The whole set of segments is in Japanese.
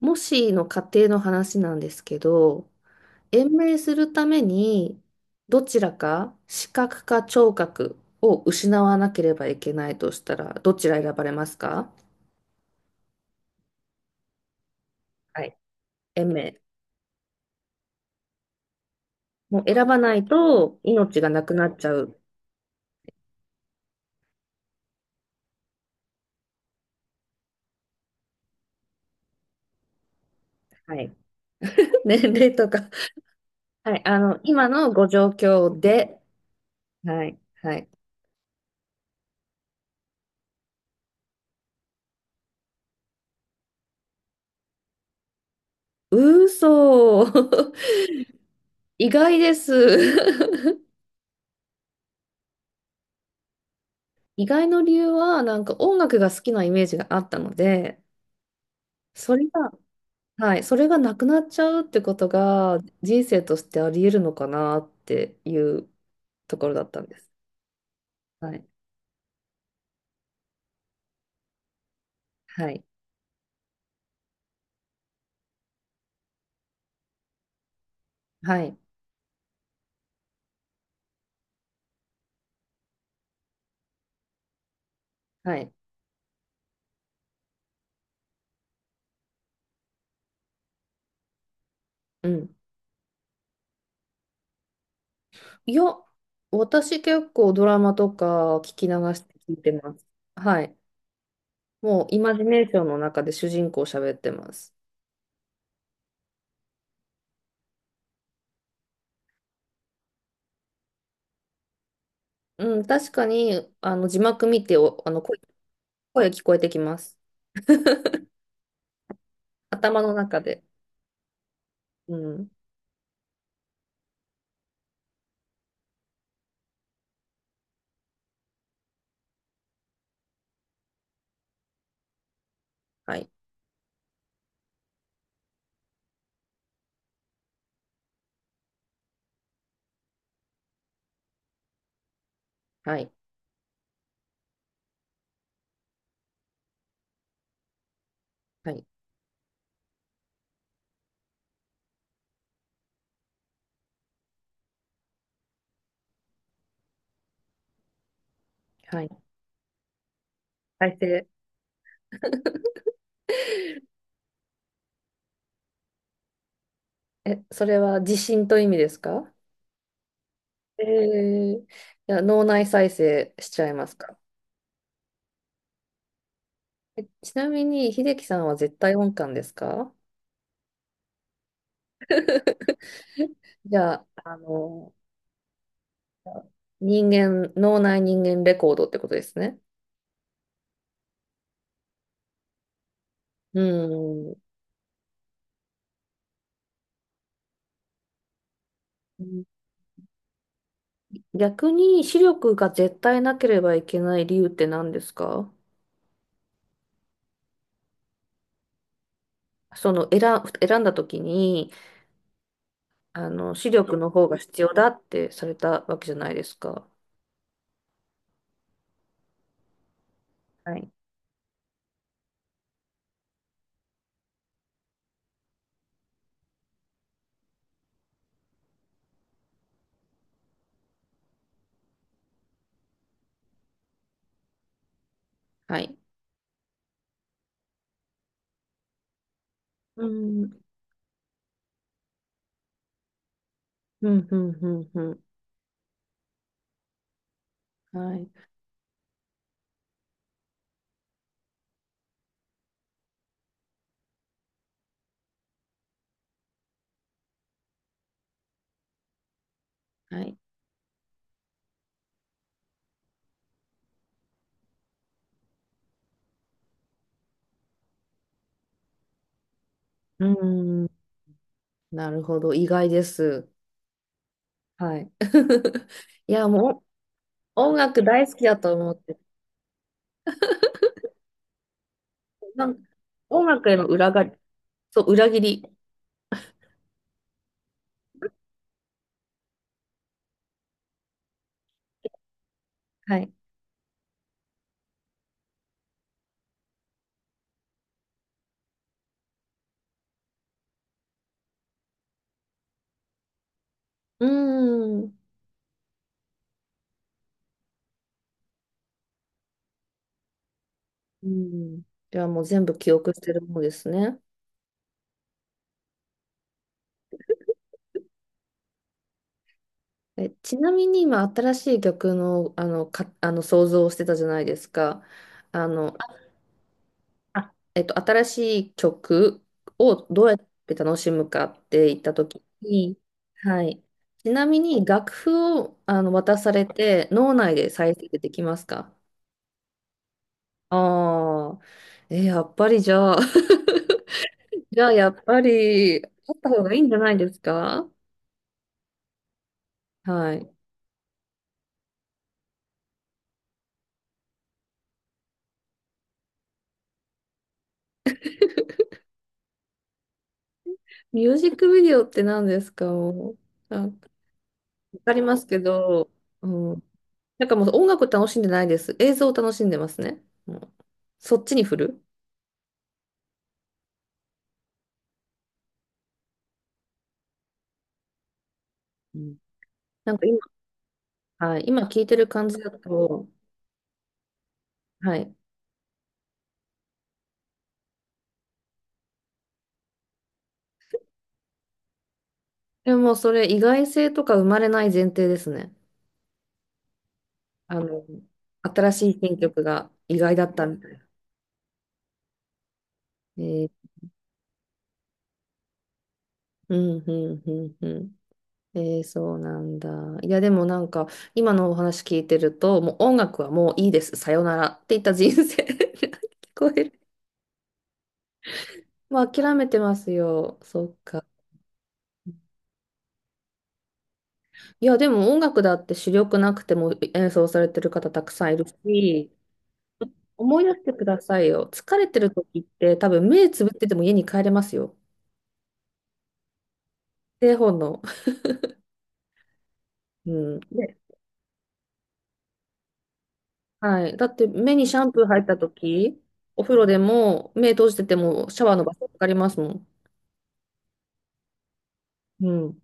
もしの仮定の話なんですけど、延命するために、どちらか視覚か聴覚を失わなければいけないとしたら、どちら選ばれますか？はい。延命。もう選ばないと命がなくなっちゃう。はい。年齢とか。はい。今のご状況で。はい。はい。嘘。意外です。意外の理由は、なんか音楽が好きなイメージがあったので、それがはい、それがなくなっちゃうってことが人生としてあり得るのかなっていうところだったんです。はい、はい、はい、はい、うん。いや、私結構ドラマとか聞き流して聞いてます。はい。もうイマジネーションの中で主人公喋ってます。うん、確かにあの字幕見てあの声、声聞こえてきます。頭の中で。うん。はい、はい、はい、はい。再生。え、それは自信という意味ですか？えー、じゃ脳内再生しちゃいますか。ちなみに、秀樹さんは絶対音感ですか？ じゃあ、脳内人間レコードってことですね。うん。逆に視力が絶対なければいけない理由って何ですか？その選んだ時に、視力の方が必要だってされたわけじゃないですか。はい。はい。うん。うん、うん、うん、うん。はい。はい。うん、なるほど。意外です。はい。いや、もう音楽大好きだと思って。なん音楽へのそう、裏切り。はい。うん。うん。じゃあもう全部記憶してるものですね。え、ちなみに今、新しい曲の、あの、か、あの想像をしてたじゃないですか。あの、新しい曲をどうやって楽しむかって言ったときに、はい。ちなみに楽譜を渡されて脳内で再生できますか？ああ、やっぱりじゃあ、じゃあやっぱりあった方がいいんじゃないですか？はい。ミュージックビデオって何ですか？もう、あ、わかりますけど、うん。なんかもう音楽楽しんでないです。映像を楽しんでますね。もうそっちに振る。うん。なんか、はい、今聞いてる感じだと、はい。でもそれ意外性とか生まれない前提ですね。あの、新しい選曲が意外だったみたいな。えー、うん、うん、うん、うん。えー、そうなんだ。いや、でもなんか、今のお話聞いてると、もう音楽はもういいです。さよならって言った人生 聞こえる。まあ諦めてますよ。そっか。いや、でも音楽だって主力なくても演奏されてる方たくさんいるし、思い出してくださいよ。疲れてる時って多分目つぶってても家に帰れますよ。製本の。うん。ね。はい。だって目にシャンプー入った時、お風呂でも目閉じててもシャワーの場所かかりますもん。うん。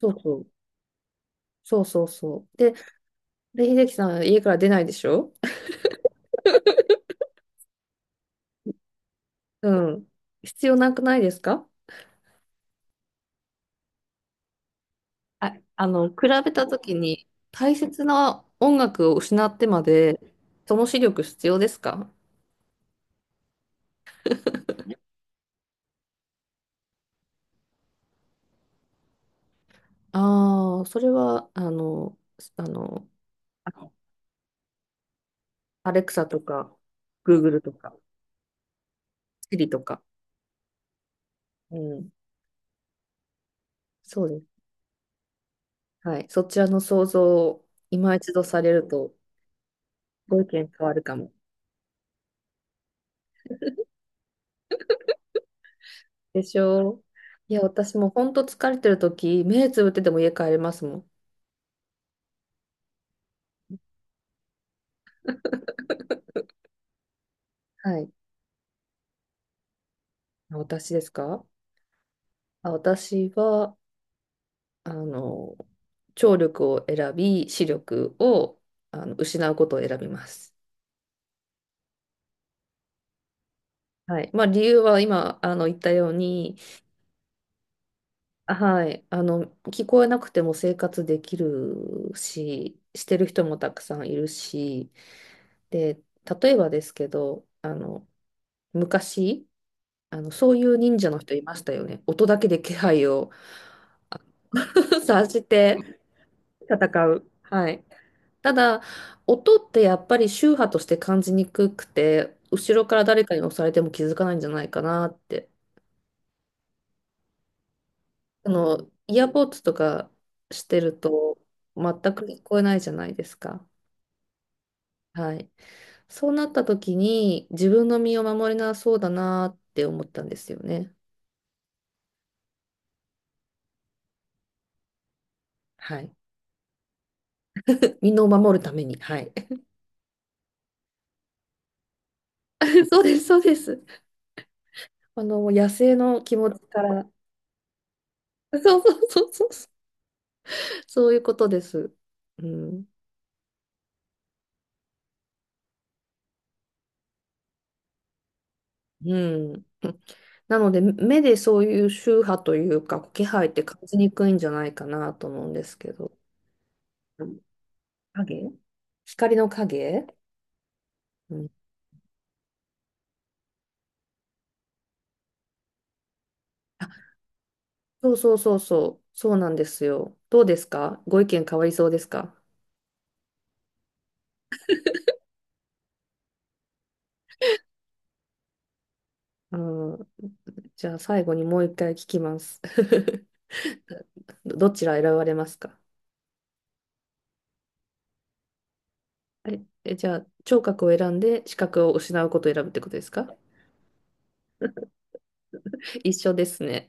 そうそう。そうそうそう。で、秀樹さん家から出ないでしょ？うん。必要なくないですか？あ、比べた時に大切な音楽を失ってまで、その視力必要ですか？ああ、それは、あの、すあの、アレクサとか、グーグルとか、シリとか、うん、そうです。はい。そちらの想像を今一度されると、ご意見変わるかも。でしょう。いや、私も本当疲れてるとき、目つぶってても家帰れますもん。はい。私ですか？あ、私は、あの、聴力を選び、視力を、失うことを選びます。はい。まあ、理由は今、言ったように、はい。聞こえなくても生活できるし、してる人もたくさんいるし、で、例えばですけど、昔、そういう忍者の人いましたよね。音だけで気配を 察して戦う。はい。ただ、音ってやっぱり周波として感じにくくて、後ろから誰かに押されても気づかないんじゃないかなって。イヤーポッツとかしてると、全く聞こえないじゃないですか。はい。そうなった時に自分の身を守れなそうだなって思ったんですよね。はい。身を守るために。はい。そうです、そうです。もう野生の気持ちから。そうそうそうそう。そういうことです。うん。うん。なので、目でそういう周波というか、気配って感じにくいんじゃないかなと思うんですけど。影光の影。うん。あ、そうそうそうそう。そうなんですよ。どうですか？ご意見変わりそうですか？うん、じゃあ最後にもう一回聞きます。どちら選ばれますか？じゃあ聴覚を選んで視覚を失うことを選ぶってことですか？一緒ですね。